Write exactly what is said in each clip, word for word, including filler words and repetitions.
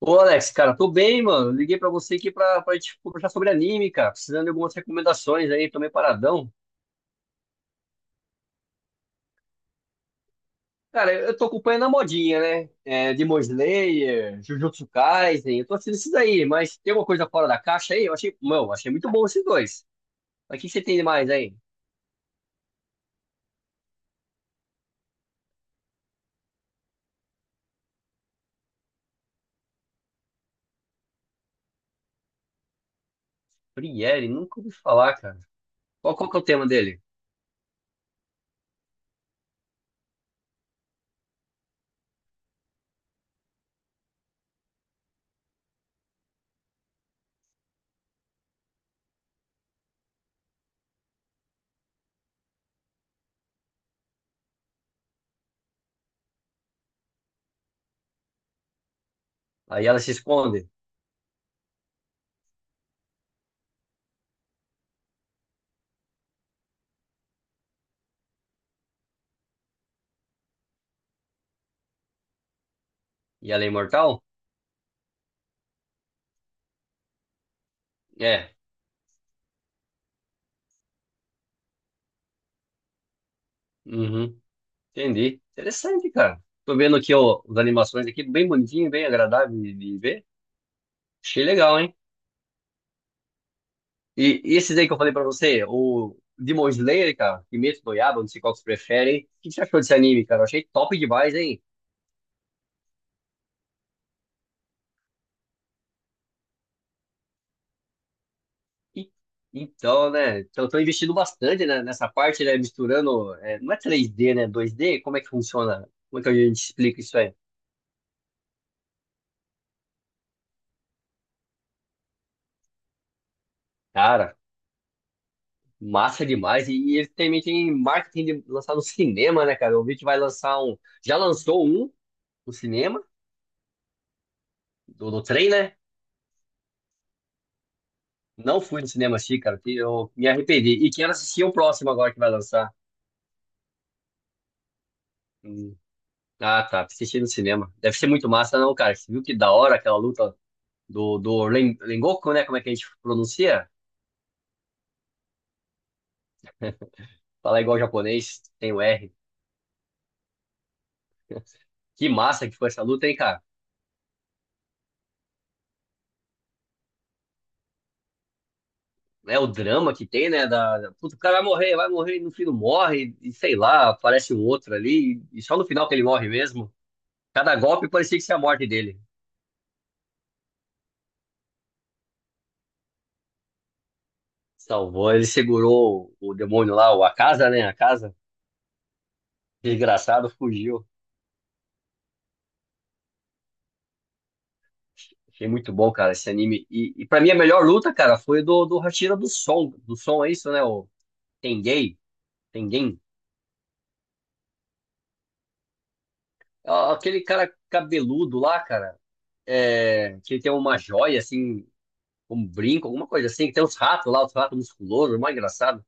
Ô Alex, cara, tô bem, mano. Liguei pra você aqui pra, pra gente conversar sobre anime, cara. Precisando de algumas recomendações aí, tô meio paradão. Cara, eu eu tô acompanhando a modinha, né? É, Demon Slayer, Jujutsu Kaisen, eu tô assistindo esses aí, mas tem alguma coisa fora da caixa aí? Eu achei, meu, achei muito bom esses dois. Mas o que que você tem de mais aí? Frieren, nunca ouvi falar, cara. Qual, qual que é o tema dele? Aí ela se esconde e ela é imortal? É, uhum, entendi. Interessante, cara. Tô vendo aqui, ó, as animações aqui, bem bonitinho, bem agradável de de ver. Achei legal, hein? E, e esses aí que eu falei pra você, o Demon Slayer, cara, Kimetsu no Yaiba, não sei qual que você prefere, hein? O que você achou desse anime, cara? Eu achei top demais, hein? E- Então, né? Então, tô investindo bastante, né, nessa parte, né? Misturando. É, não é três d, né? Dois d. Como é que funciona? Como é que a gente explica isso aí? Cara, massa demais. E, e ele também tem marketing de lançar no cinema, né, cara? Eu vi que vai lançar um. Já lançou um no cinema, do, do trem, né? Não fui no cinema assistir, cara. Que Eu me arrependi. E quero assistir o próximo agora que vai lançar. Hum. Ah, tá. Assisti no cinema. Deve ser muito massa, não, cara. Você viu que da hora aquela luta do, do Ren- Rengoku, né? Como é que a gente pronuncia? Falar igual japonês, tem o R. Que massa que foi essa luta, hein, cara? É o drama que tem, né? Da... da- Puta, o cara vai morrer, vai morrer, e no fim não morre, e sei lá, aparece um outro ali, e só no final que ele morre mesmo. Cada golpe parecia que ia ser a morte dele. Salvou, ele segurou o demônio lá, o Akaza, né? A casa. Desgraçado fugiu. Achei muito bom, cara, esse anime. E, e pra mim a melhor luta, cara, foi do, do Hashira do Som. Do Som é isso, né? O Tengen. Tengen. Ah, aquele cara cabeludo lá, cara. É, que ele tem uma joia, assim, um brinco, alguma coisa assim. Que Tem uns ratos lá, os ratos musculosos, mais engraçado.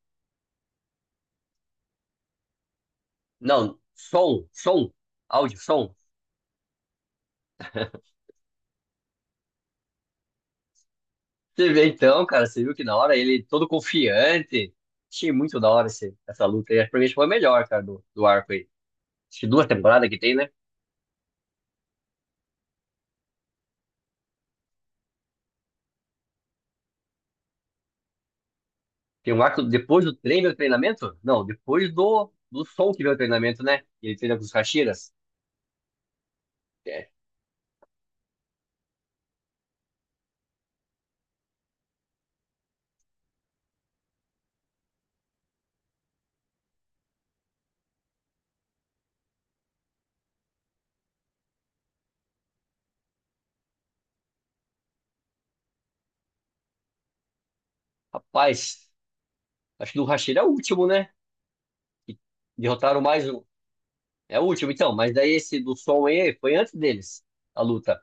Não, som, som, áudio, som. Você vê então, cara, você viu que na hora ele todo confiante. Achei muito da hora esse, essa luta aí. Acho que pra mim foi a melhor, cara, do, do arco aí. Acho que duas temporadas que tem, né? Tem um arco depois do treino do treinamento? Não, depois do, do som que vem o treinamento, né? E ele treina com os Hashiras. É. Rapaz, acho que do Hashira é o último, né? Que derrotaram mais um. É o último, então. Mas daí esse do som aí foi antes deles, a luta.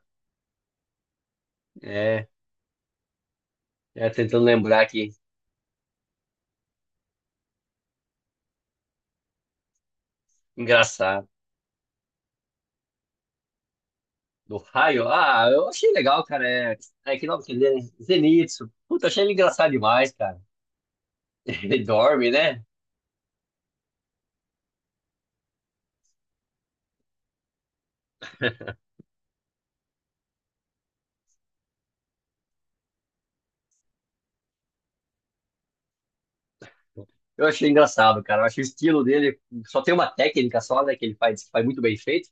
É, é tentando lembrar aqui. Engraçado. Do raio? Ah, eu achei legal, cara. É, é que nome que ele é? Zenitsu. Puta, achei ele engraçado demais, cara. Ele dorme, né? Eu achei engraçado, cara. Eu achei o estilo dele. Só tem uma técnica só, né? Que ele faz, que faz muito bem feito.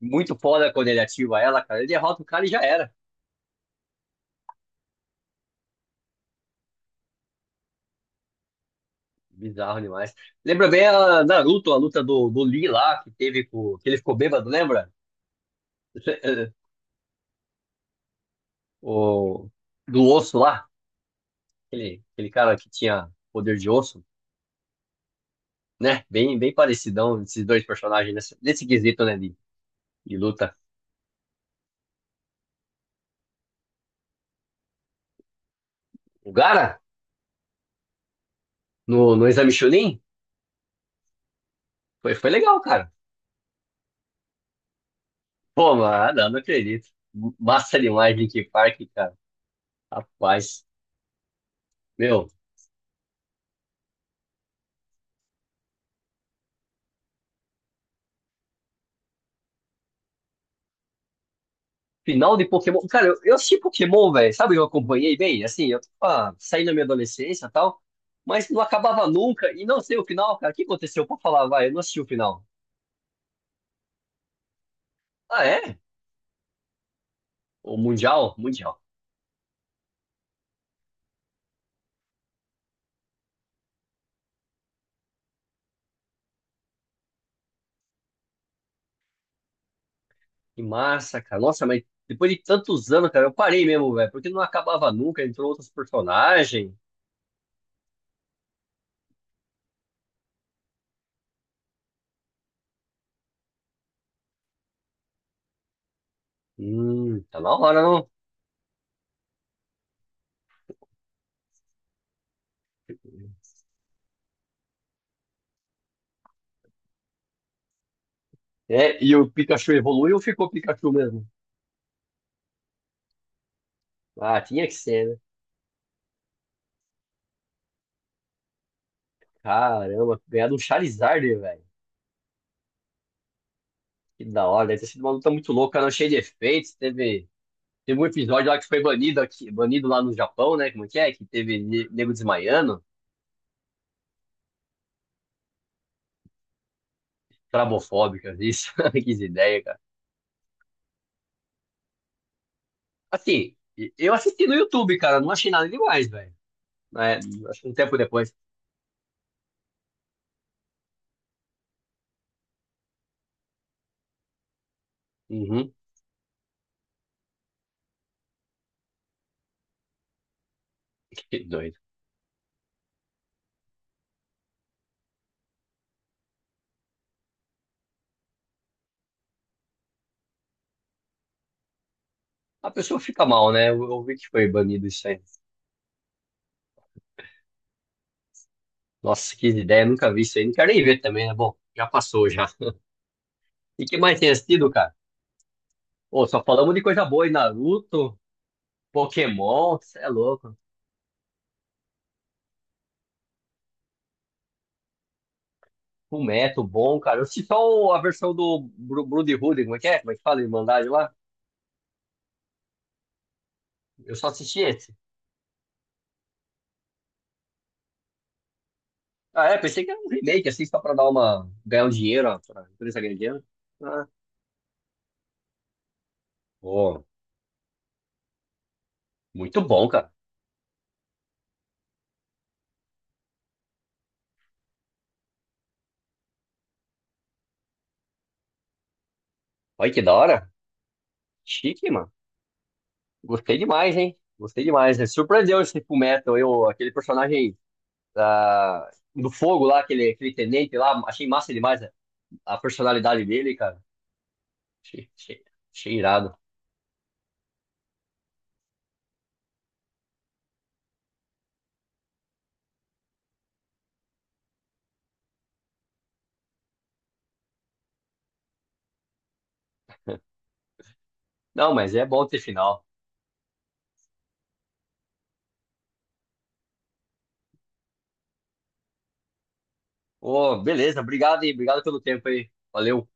Muito foda quando ele ativa ela, cara. Ele derrota o cara e já era. Bizarro demais. Lembra bem a Naruto, a luta do, do Lee lá, que teve com. Que ele ficou bêbado, lembra? O, do osso lá. Aquele, aquele cara que tinha poder de osso, né? Bem, bem parecidão esses dois personagens nesse, nesse quesito, né? De, de luta. O Gara, no, no Exame Chunin, foi, foi legal, cara. Pô, mano, não acredito. Massa demais, Linkin Park, cara. Rapaz, meu, final de Pokémon. Cara, eu, eu assisti Pokémon, velho. Sabe, eu acompanhei bem, assim, eu tava saindo da minha adolescência e tal, mas não acabava nunca. E não sei o final, cara. O que aconteceu? Pô, falar, vai, eu não assisti o final. Ah, é? O Mundial? Mundial. Que massa, cara. Nossa, mas depois de tantos anos, cara, eu parei mesmo, velho, porque não acabava nunca. Entrou outros personagens. Hum, tá na hora, não? É, e o Pikachu evoluiu ou ficou Pikachu mesmo? Ah, tinha que ser, né? Caramba, ganhar do Charizard, velho. Que da hora, deve ter sido uma luta muito louca, não, cheia de efeitos. Teve, teve um episódio lá que foi banido aqui, banido lá no Japão, né? Como é que é? Que teve ne- nego desmaiando. Trabofóbicas, isso. Que ideia, cara. Assim, e- eu assisti no YouTube, cara, não achei nada demais, velho. É, acho que um tempo depois. Uhum, que doido. A pessoa fica mal, né? Eu, eu vi que foi banido isso aí. Nossa, que ideia, nunca vi isso aí. Não quero nem ver também, né? Bom, já passou já. E que mais tem assistido, cara? Ô, só falamos de coisa boa aí, Naruto, Pokémon, cê é louco. Fullmetal, bom, cara. Eu assisti só o- a versão do Bru- Brotherhood, como é que é? Como é que fala, Irmandade lá? Eu só assisti esse. Ah, é, pensei que era um remake, assim, só pra dar uma... ganhar um dinheiro, ó, pra empresa ganhar dinheiro. Ah, pô, muito bom, cara. Olha que da hora. Chique, mano. Gostei demais, hein? Gostei demais, né? Surpreendeu esse Fullmetal, eu, aquele personagem da... do fogo lá, aquele, aquele tenente lá, achei massa demais, né? A personalidade dele, cara. Achei, achei, achei irado. Não, mas é bom ter final. Ô, beleza, obrigado aí, obrigado pelo tempo aí. Valeu.